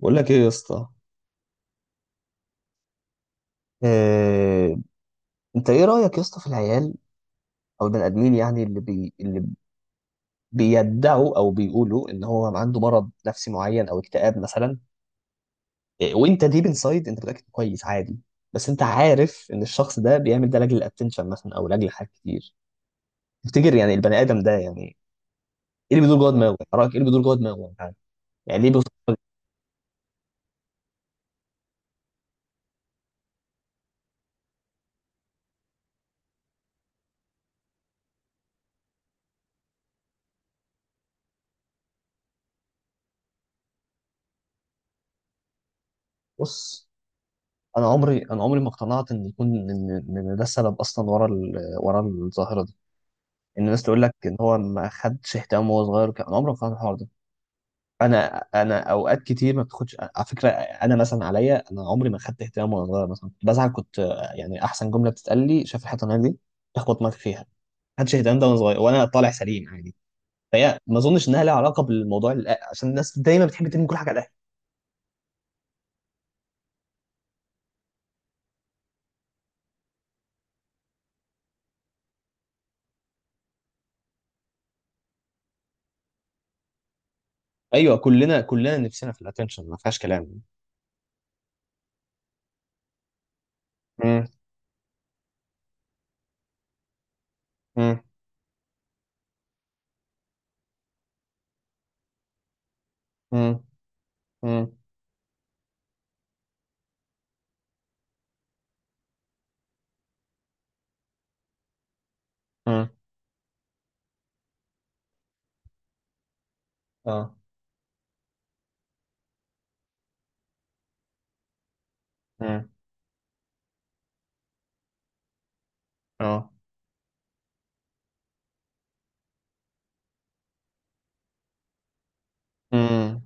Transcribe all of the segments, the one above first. بقول لك ايه يا اسطى؟ آه. انت ايه رأيك يا اسطى في العيال او البني ادمين؟ يعني اللي بيدعوا او بيقولوا ان هو عنده مرض نفسي معين او اكتئاب مثلا. وانت ديب انسايد انت متأكد كويس عادي، بس انت عارف ان الشخص ده بيعمل ده لاجل الاتنشن مثلا او لاجل حاجات كتير. تفتكر يعني البني ادم ده يعني ايه اللي بيدور جوه دماغه؟ يعني رأيك ايه اللي بيدور جوه دماغه يعني؟ يعني ليه بيفكر- بص، انا عمري ما اقتنعت ان يكون ان إن ده السبب اصلا ورا الظاهرة دي. ان الناس تقول لك ان هو ما خدش اهتمام وهو صغير، كان عمري ما فهمت الحوار ده. انا اوقات كتير ما بتاخدش على فكره، انا مثلا، عليا انا، عمري ما خدت اهتمام وانا صغير، مثلا بزعل كنت، يعني احسن جمله بتتقال لي شايف الحته دي، تخبط دماغك فيها. ما خدش اهتمام ده وانا صغير، وانا طالع سليم عادي. فهي ما اظنش انها لها علاقه بالموضوع، عشان الناس دايما بتحب ترمي كل حاجه على الاهل. ايوه، كلنا كلنا نفسنا في الاتنشن، ما فيهاش كلام. مم. مم. مم. مم. مم. اه. مم. اه. مم.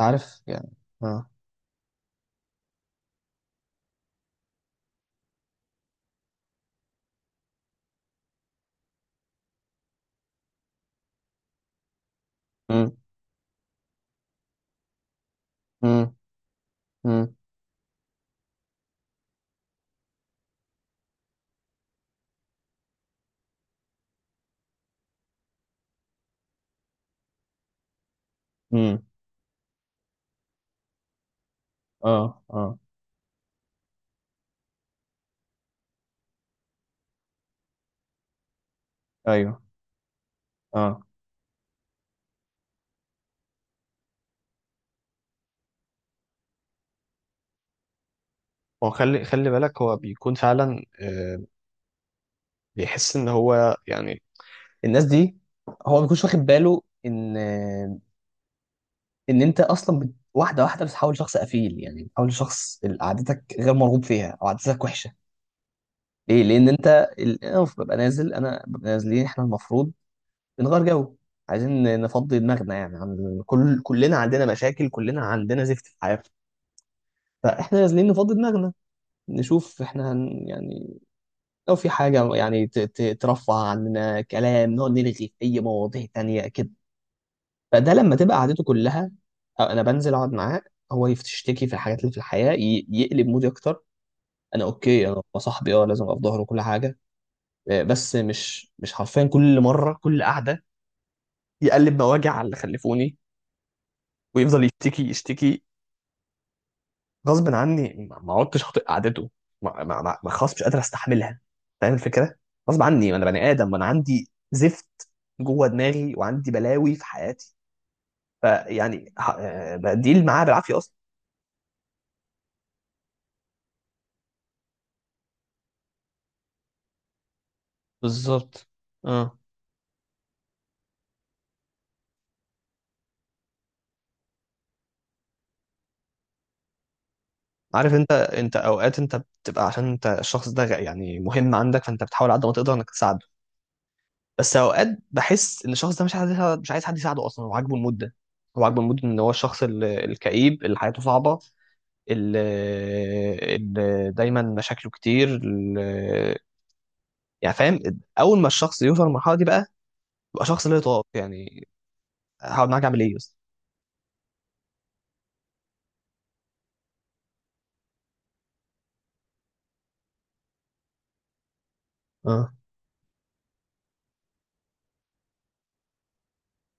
عارف يعني. اه. امم. امم. امم. اه. اه. ايوه. اه. هو خلي خلي بالك هو بيكون فعلا، بيحس ان هو يعني الناس دي. هو ما بيكونش واخد باله ان انت اصلا، واحده واحده بتتحول لشخص قفيل، يعني بتحول لشخص، عادتك غير مرغوب فيها او عادتك وحشه. ليه؟ لان انت، انا ببقى نازلين احنا، المفروض بنغير جو، عايزين نفضي دماغنا، يعني عن كل، كلنا عندنا مشاكل، كلنا عندنا زفت في حياتنا. فاحنا نازلين نفضي دماغنا، نشوف احنا هن يعني لو في حاجة يعني ترفع عننا كلام، نقعد نلغي في أي مواضيع تانية كده. فده لما تبقى قعدته كلها. أو أنا بنزل أقعد معاه، هو يشتكي في الحاجات اللي في الحياة، يقلب مودي أكتر. أنا أوكي، أنا صاحبي، لازم أبقى في ظهره كل حاجة، بس مش حرفيا كل مرة، كل قعدة يقلب مواجع على اللي خلفوني ويفضل يشتكي يشتكي. غصب عني، ما عدتش خاطئ قعدته. ما خلاص، مش قادر استحملها. فاهم الفكره؟ غصب عني، ما انا بني ادم وانا عندي زفت جوه دماغي وعندي بلاوي في حياتي. فيعني بديل معاه بالعافيه اصلا. بالظبط. اه. عارف انت اوقات انت بتبقى، عشان انت الشخص ده، يعني مهم عندك، فانت بتحاول على قد ما تقدر انك تساعده. بس اوقات بحس ان الشخص ده مش عايز حد يساعده اصلا، هو عاجبه المده. هو عاجبه المده ان هو الشخص، الكئيب اللي حياته صعبه، ال ال دايما مشاكله كتير. يعني فاهم، اول ما الشخص يوصل للمرحله دي بقى يبقى شخص لا يطاق يعني. هقعد معاك اعمل ايه يا اسطى؟ اه.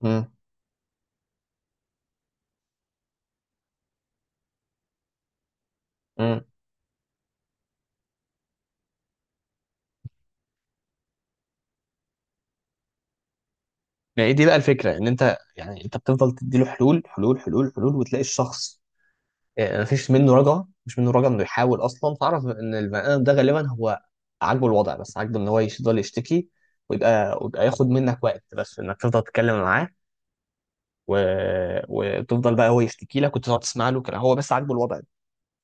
امم. امم. يعني دي بقى الفكره، ان انت بتفضل تديله حلول حلول حلول حلول، وتلاقي الشخص، مفيش منه رجعه مش منه رجعه انه يحاول اصلا. تعرف ان البني ادم ده غالبا هو عاجبه الوضع، بس عاجبه ان هو يفضل يشتكي، ويبقى ياخد منك وقت بس انك تفضل تتكلم معاه، و... وتفضل بقى هو يشتكي لك وتقعد تسمع له كده، هو بس عاجبه الوضع ده.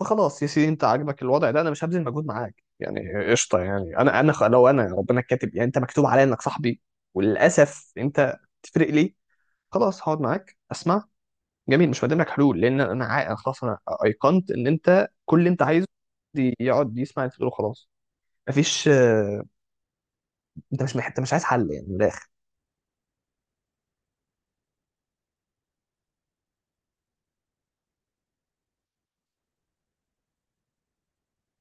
فخلاص يا سيدي، انت عاجبك الوضع ده، انا مش هبذل مجهود معاك يعني. قشطه يعني، لو انا ربنا كاتب يعني انت مكتوب عليا انك صاحبي، وللاسف انت تفرق لي، خلاص هقعد معاك اسمع. جميل، مش هقدم لك حلول، لان أنا خلاص انا ايقنت ان انت كل اللي انت عايزه دي يقعد يسمع اللي تقوله. خلاص، مفيش. انت مش عايز حل يعني من الاخر.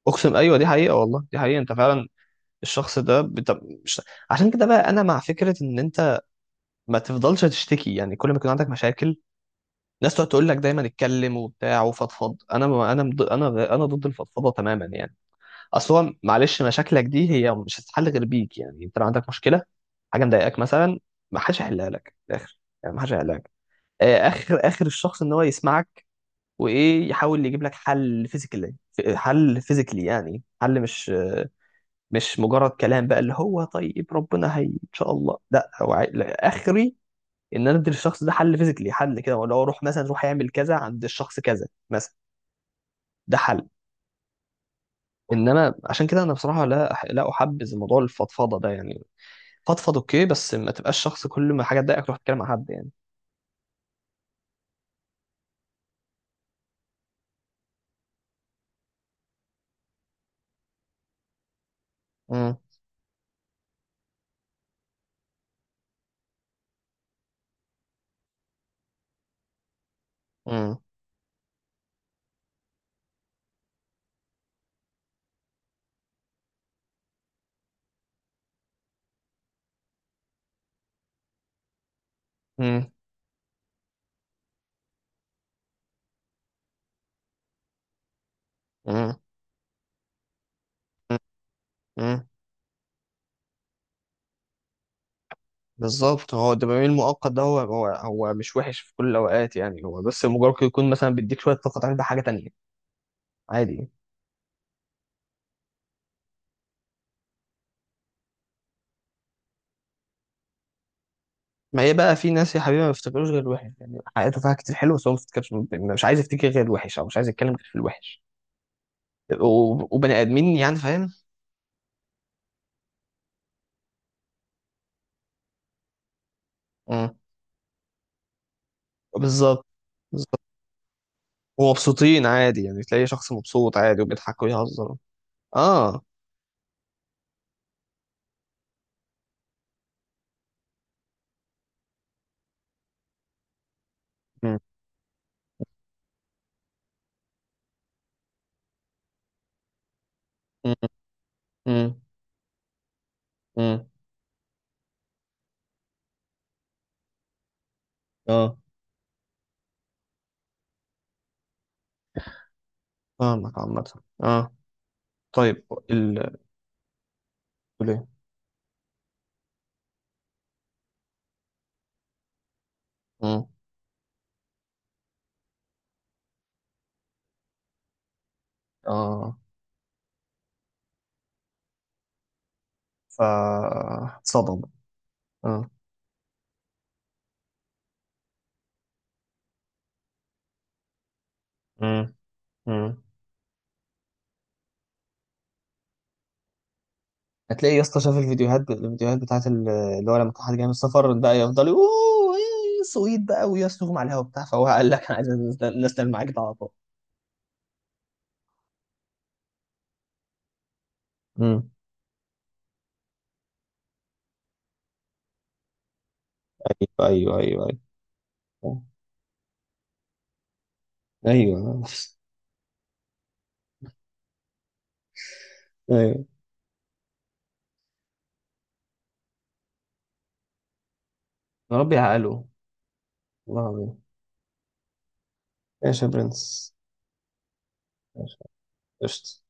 اقسم، ايوه دي حقيقه، والله دي حقيقه، انت فعلا الشخص ده، مش... عشان كده بقى انا مع فكره ان انت ما تفضلش تشتكي، يعني كل ما يكون عندك مشاكل الناس تقعد تقول لك دايما اتكلم وبتاع وفضفض، انا انا مض- انا انا ضد الفضفضه تماما يعني. اصل هو معلش، مشاكلك دي هي مش هتتحل غير بيك، يعني انت لو عندك مشكله، حاجه مضايقاك مثلا، ما حدش هيحلها لك في الاخر، يعني ما حدش هيحلها لك. اخر اخر الشخص ان هو يسمعك وايه، يحاول يجيب لك حل فيزيكالي، حل فيزيكالي، يعني حل مش مجرد كلام بقى، اللي هو طيب ربنا هي ان شاء الله. لا، هو لا، اخري ان انا ادي للشخص ده حل فيزيكلي، حل كده، ولا هو روح مثلا، روح يعمل كذا عند الشخص كذا مثلا، ده حل. انما عشان كده انا بصراحه لا احبذ موضوع الفضفضه ده يعني. فضفض اوكي، بس ما تبقاش شخص كل ما حاجه تضايقك تروح تتكلم مع حد يعني. امم. امم. امم. امم. امم. بالظبط، هو الدوبامين المؤقت ده هو مش وحش في كل الاوقات يعني، هو بس مجرد يكون مثلا بيديك شويه طاقه تعمل بيها حاجه تانيه عادي. ما هي بقى في ناس يا حبيبي ما بيفتكروش غير الوحش، يعني حياته فيها كتير حلو بس هو ما بيفتكرش، يعني مش عايز يفتكر غير الوحش، او مش عايز يتكلم غير في الوحش و- وبني ادمين، يعني فاهم. مم. بالظبط. بالظبط. ومبسوطين عادي، يعني تلاقي شخص مبسوط عادي وبيضحك ويهزر. اه. مم. مم. مم. مم. اه. فاهمك عامة. اه. طيب. ال تقول ايه؟ مم. اه. فاتصدم. اه. مم. مم. هتلاقي يا اسطى شاف الفيديوهات بتاعت اللي هو لما كان حد جاي من السفر بقى يفضل يقول اوه إيه، سويت بقى، ويصرخهم على الهوا بتاع، فهو قال لك انا عايز الناس تعمل معاك ده على طول. امم. ايوه ايوه ايوه. ايوه ايوه. يا رب يعقله، والله العظيم. ماشي يا برنس. ماشي. قشطة.